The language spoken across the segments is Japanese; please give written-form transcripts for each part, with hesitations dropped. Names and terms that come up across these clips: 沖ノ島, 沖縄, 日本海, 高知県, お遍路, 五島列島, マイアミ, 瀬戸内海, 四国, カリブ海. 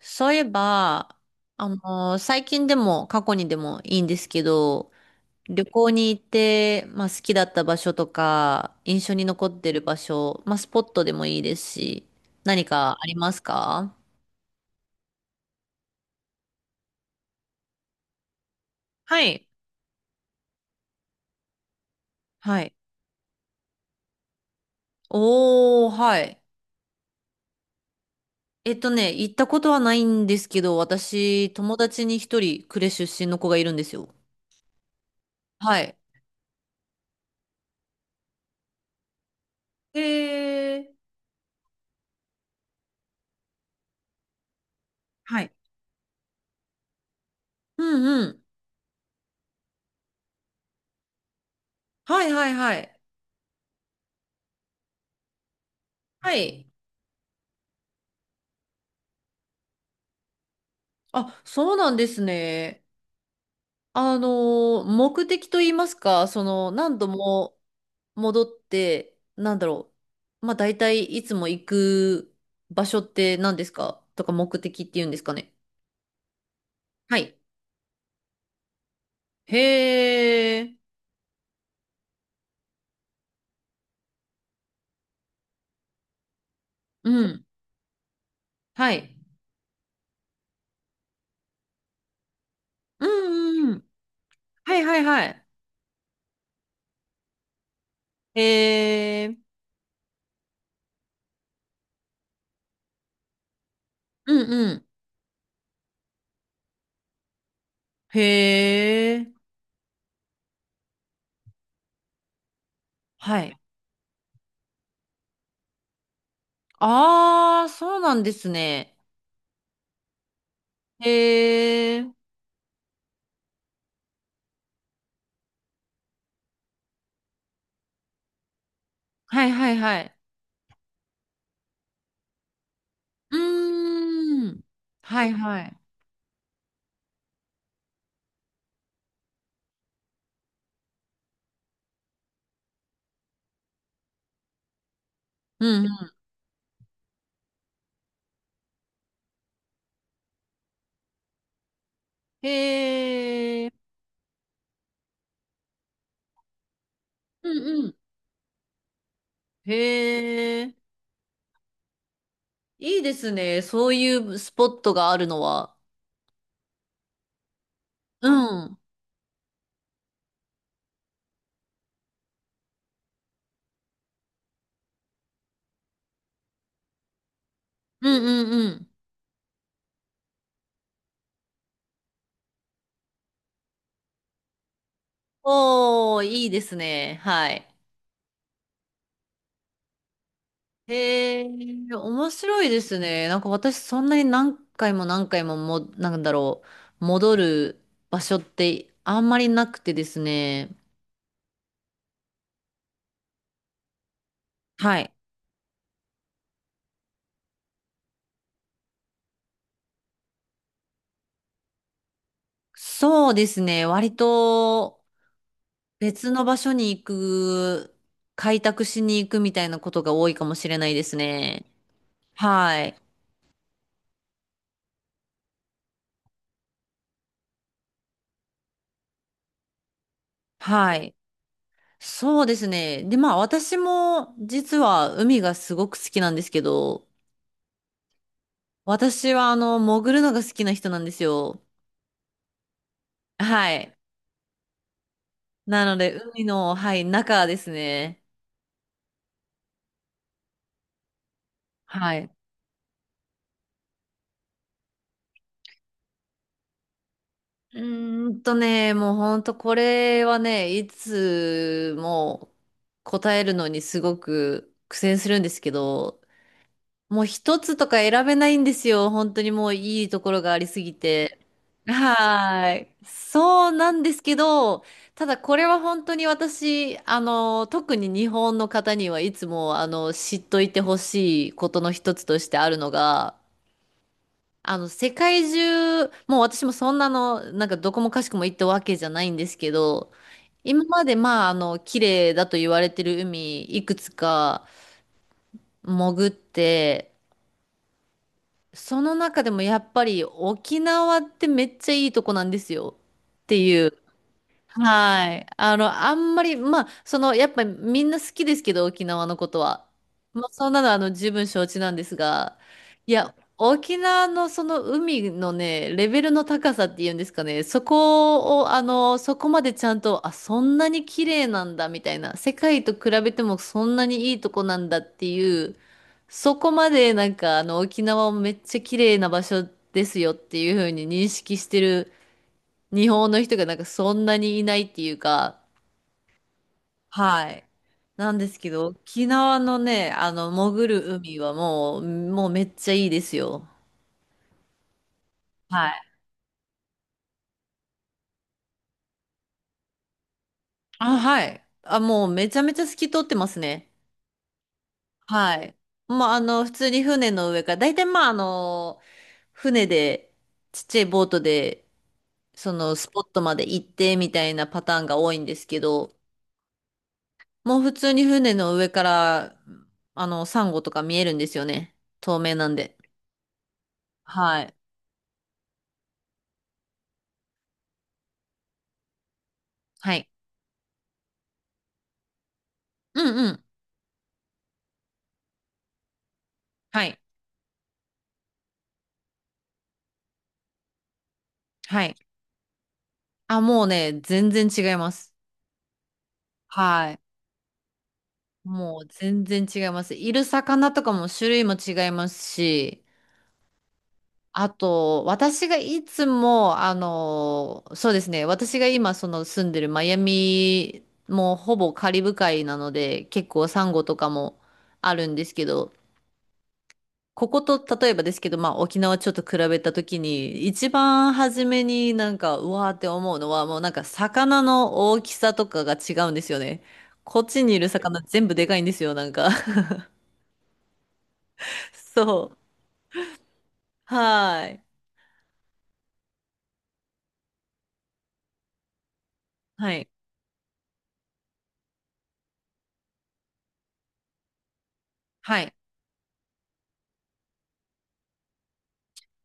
そういえば、最近でも過去にでもいいんですけど、旅行に行って、まあ、好きだった場所とか、印象に残ってる場所、まあ、スポットでもいいですし、何かありますか？はい。はい。おー、はい。行ったことはないんですけど、私、友達に一人、呉出身の子がいるんですよ。はい。へー、はい。うんうん。はいはいはい。はい。あ、そうなんですね。あの目的と言いますか、その、何度も戻って、なんだろう。まあ、大体いつも行く場所って何ですかとか目的って言うんですかね。はい。へー。うん。はい。うんうんうん。はいはいはい。へー。うんうん。へー。はい。あー、そうなんですね。へー。はいはいはい。うーん。はいはい。うん。へえ、うんうん。へえ、いいですね。そういうスポットがあるのは。うん。うんうんうん。おー、いいですね。はい。へえ、面白いですね。なんか私そんなに何回も何回も、なんだろう、戻る場所ってあんまりなくてですね。はい。そうですね。割と別の場所に行く、開拓しに行くみたいなことが多いかもしれないですね。はい。はい。そうですね。で、まあ私も実は海がすごく好きなんですけど、私は潜るのが好きな人なんですよ。はい。なので、海の、はい、中ですね。はい。うもうほんとこれはね、いつも答えるのにすごく苦戦するんですけど、もう一つとか選べないんですよ。本当にもういいところがありすぎて。はーい。そうなんですけど、ただこれは本当に私、特に日本の方にはいつも、知っといてほしいことの一つとしてあるのが、世界中、もう私もそんなの、なんかどこもかしこも行ったわけじゃないんですけど、今までまあ、綺麗だと言われてる海、いくつか潜って、その中でもやっぱり沖縄ってめっちゃいいとこなんですよっていう。はい。あんまり、まあ、その、やっぱりみんな好きですけど、沖縄のことは。まあ、そんなの、十分承知なんですが、いや、沖縄のその海のね、レベルの高さっていうんですかね、そこを、そこまでちゃんと、あ、そんなに綺麗なんだ、みたいな、世界と比べてもそんなにいいとこなんだっていう、そこまでなんか、沖縄をめっちゃ綺麗な場所ですよっていうふうに認識してる日本の人がなんかそんなにいないっていうか、はい。なんですけど、沖縄のね、潜る海はもう、めっちゃいいですよ。はい。あ、はい。あ、もうめちゃめちゃ透き通ってますね。はい。まあ、普通に船の上から、大体まあ、船で、ちっちゃいボートで、そのスポットまで行ってみたいなパターンが多いんですけど、もう普通に船の上から、サンゴとか見えるんですよね。透明なんで。はい。はい。うんうん。はい。はい。あ、もうね、全然違います。はい。もう全然違います。いる魚とかも種類も違いますし、あと、私がいつも、そうですね、私が今その住んでるマイアミもほぼカリブ海なので、結構サンゴとかもあるんですけど、ここと例えばですけど、まあ、沖縄ちょっと比べたときに、一番初めになんか、うわーって思うのは、もうなんか魚の大きさとかが違うんですよね。こっちにいる魚全部でかいんですよ、なんか。そう。はーい。はい。はい。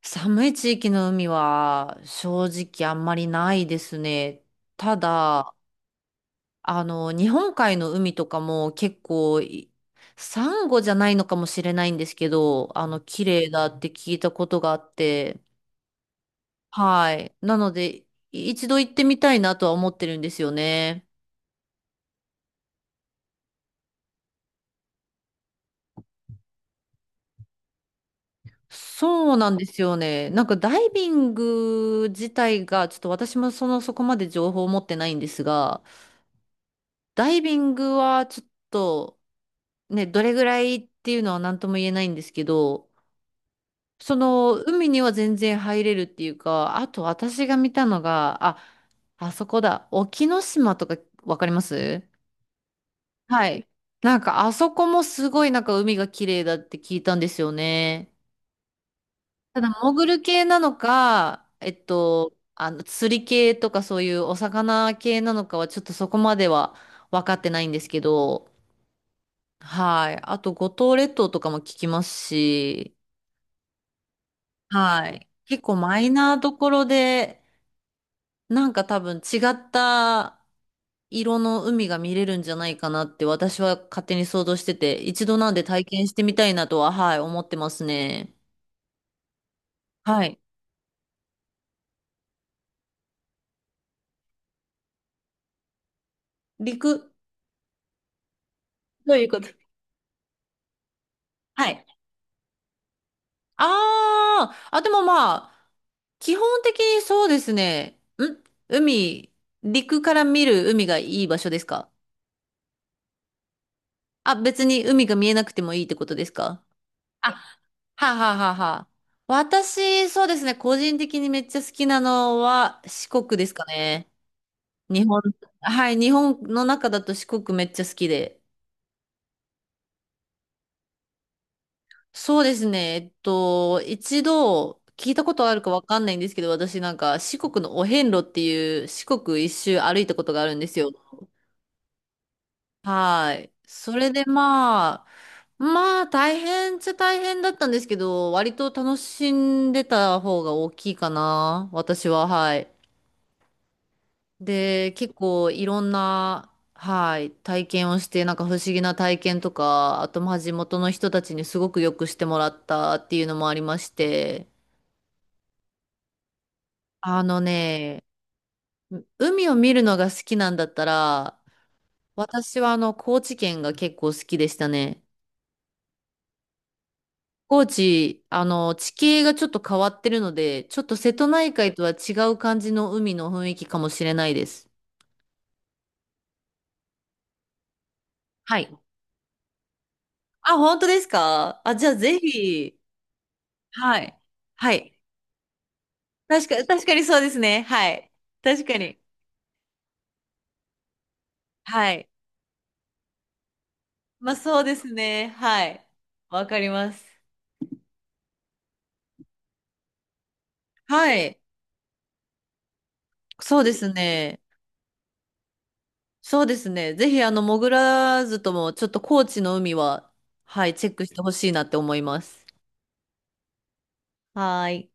寒い地域の海は正直あんまりないですね。ただ、日本海の海とかも結構い、サンゴじゃないのかもしれないんですけど、綺麗だって聞いたことがあって、はい。なので、一度行ってみたいなとは思ってるんですよね。そうなんですよね。なんかダイビング自体が、ちょっと私もその、そこまで情報を持ってないんですが、ダイビングはちょっと、ね、どれぐらいっていうのは何とも言えないんですけど、その、海には全然入れるっていうか、あと私が見たのが、あ、あそこだ。沖ノ島とかわかります？はい。なんかあそこもすごいなんか海が綺麗だって聞いたんですよね。ただ潜る系なのか、釣り系とかそういうお魚系なのかはちょっとそこまでは分かってないんですけど、はい。あと五島列島とかも聞きますし、はい。結構マイナーどころで、なんか多分違った色の海が見れるんじゃないかなって私は勝手に想像してて、一度なんで体験してみたいなとは、はい、思ってますね。はい。陸ということ？はい。ああ、あ、でもまあ、基本的にそうですね。海、陸から見る海がいい場所ですかあ？別に海が見えなくてもいいってことですかあ？はあはあはあはあ。私、そうですね、個人的にめっちゃ好きなのは四国ですかね。日本、はい、日本の中だと四国めっちゃ好きで。そうですね。一度聞いたことあるかわかんないんですけど、私なんか四国のお遍路っていう四国一周歩いたことがあるんですよ。はい。それでまあ、大変っちゃ大変だったんですけど、割と楽しんでた方が大きいかな。私は、はい。で、結構いろんな、はい、体験をして、なんか不思議な体験とか、あと、まあ、地元の人たちにすごくよくしてもらったっていうのもありまして、あのね、海を見るのが好きなんだったら、私は高知県が結構好きでしたね。高知、地形がちょっと変わってるので、ちょっと瀬戸内海とは違う感じの海の雰囲気かもしれないです。はい。あ、本当ですかあ？じゃあぜひ、はい。はい。確かにそうですね。はい。確かに。はい。まあそうですね。はい。わかります。はい。そうですね。そうですね。ぜひ、潜らずとも、ちょっと高知の海は、はい、チェックしてほしいなって思います。はーい。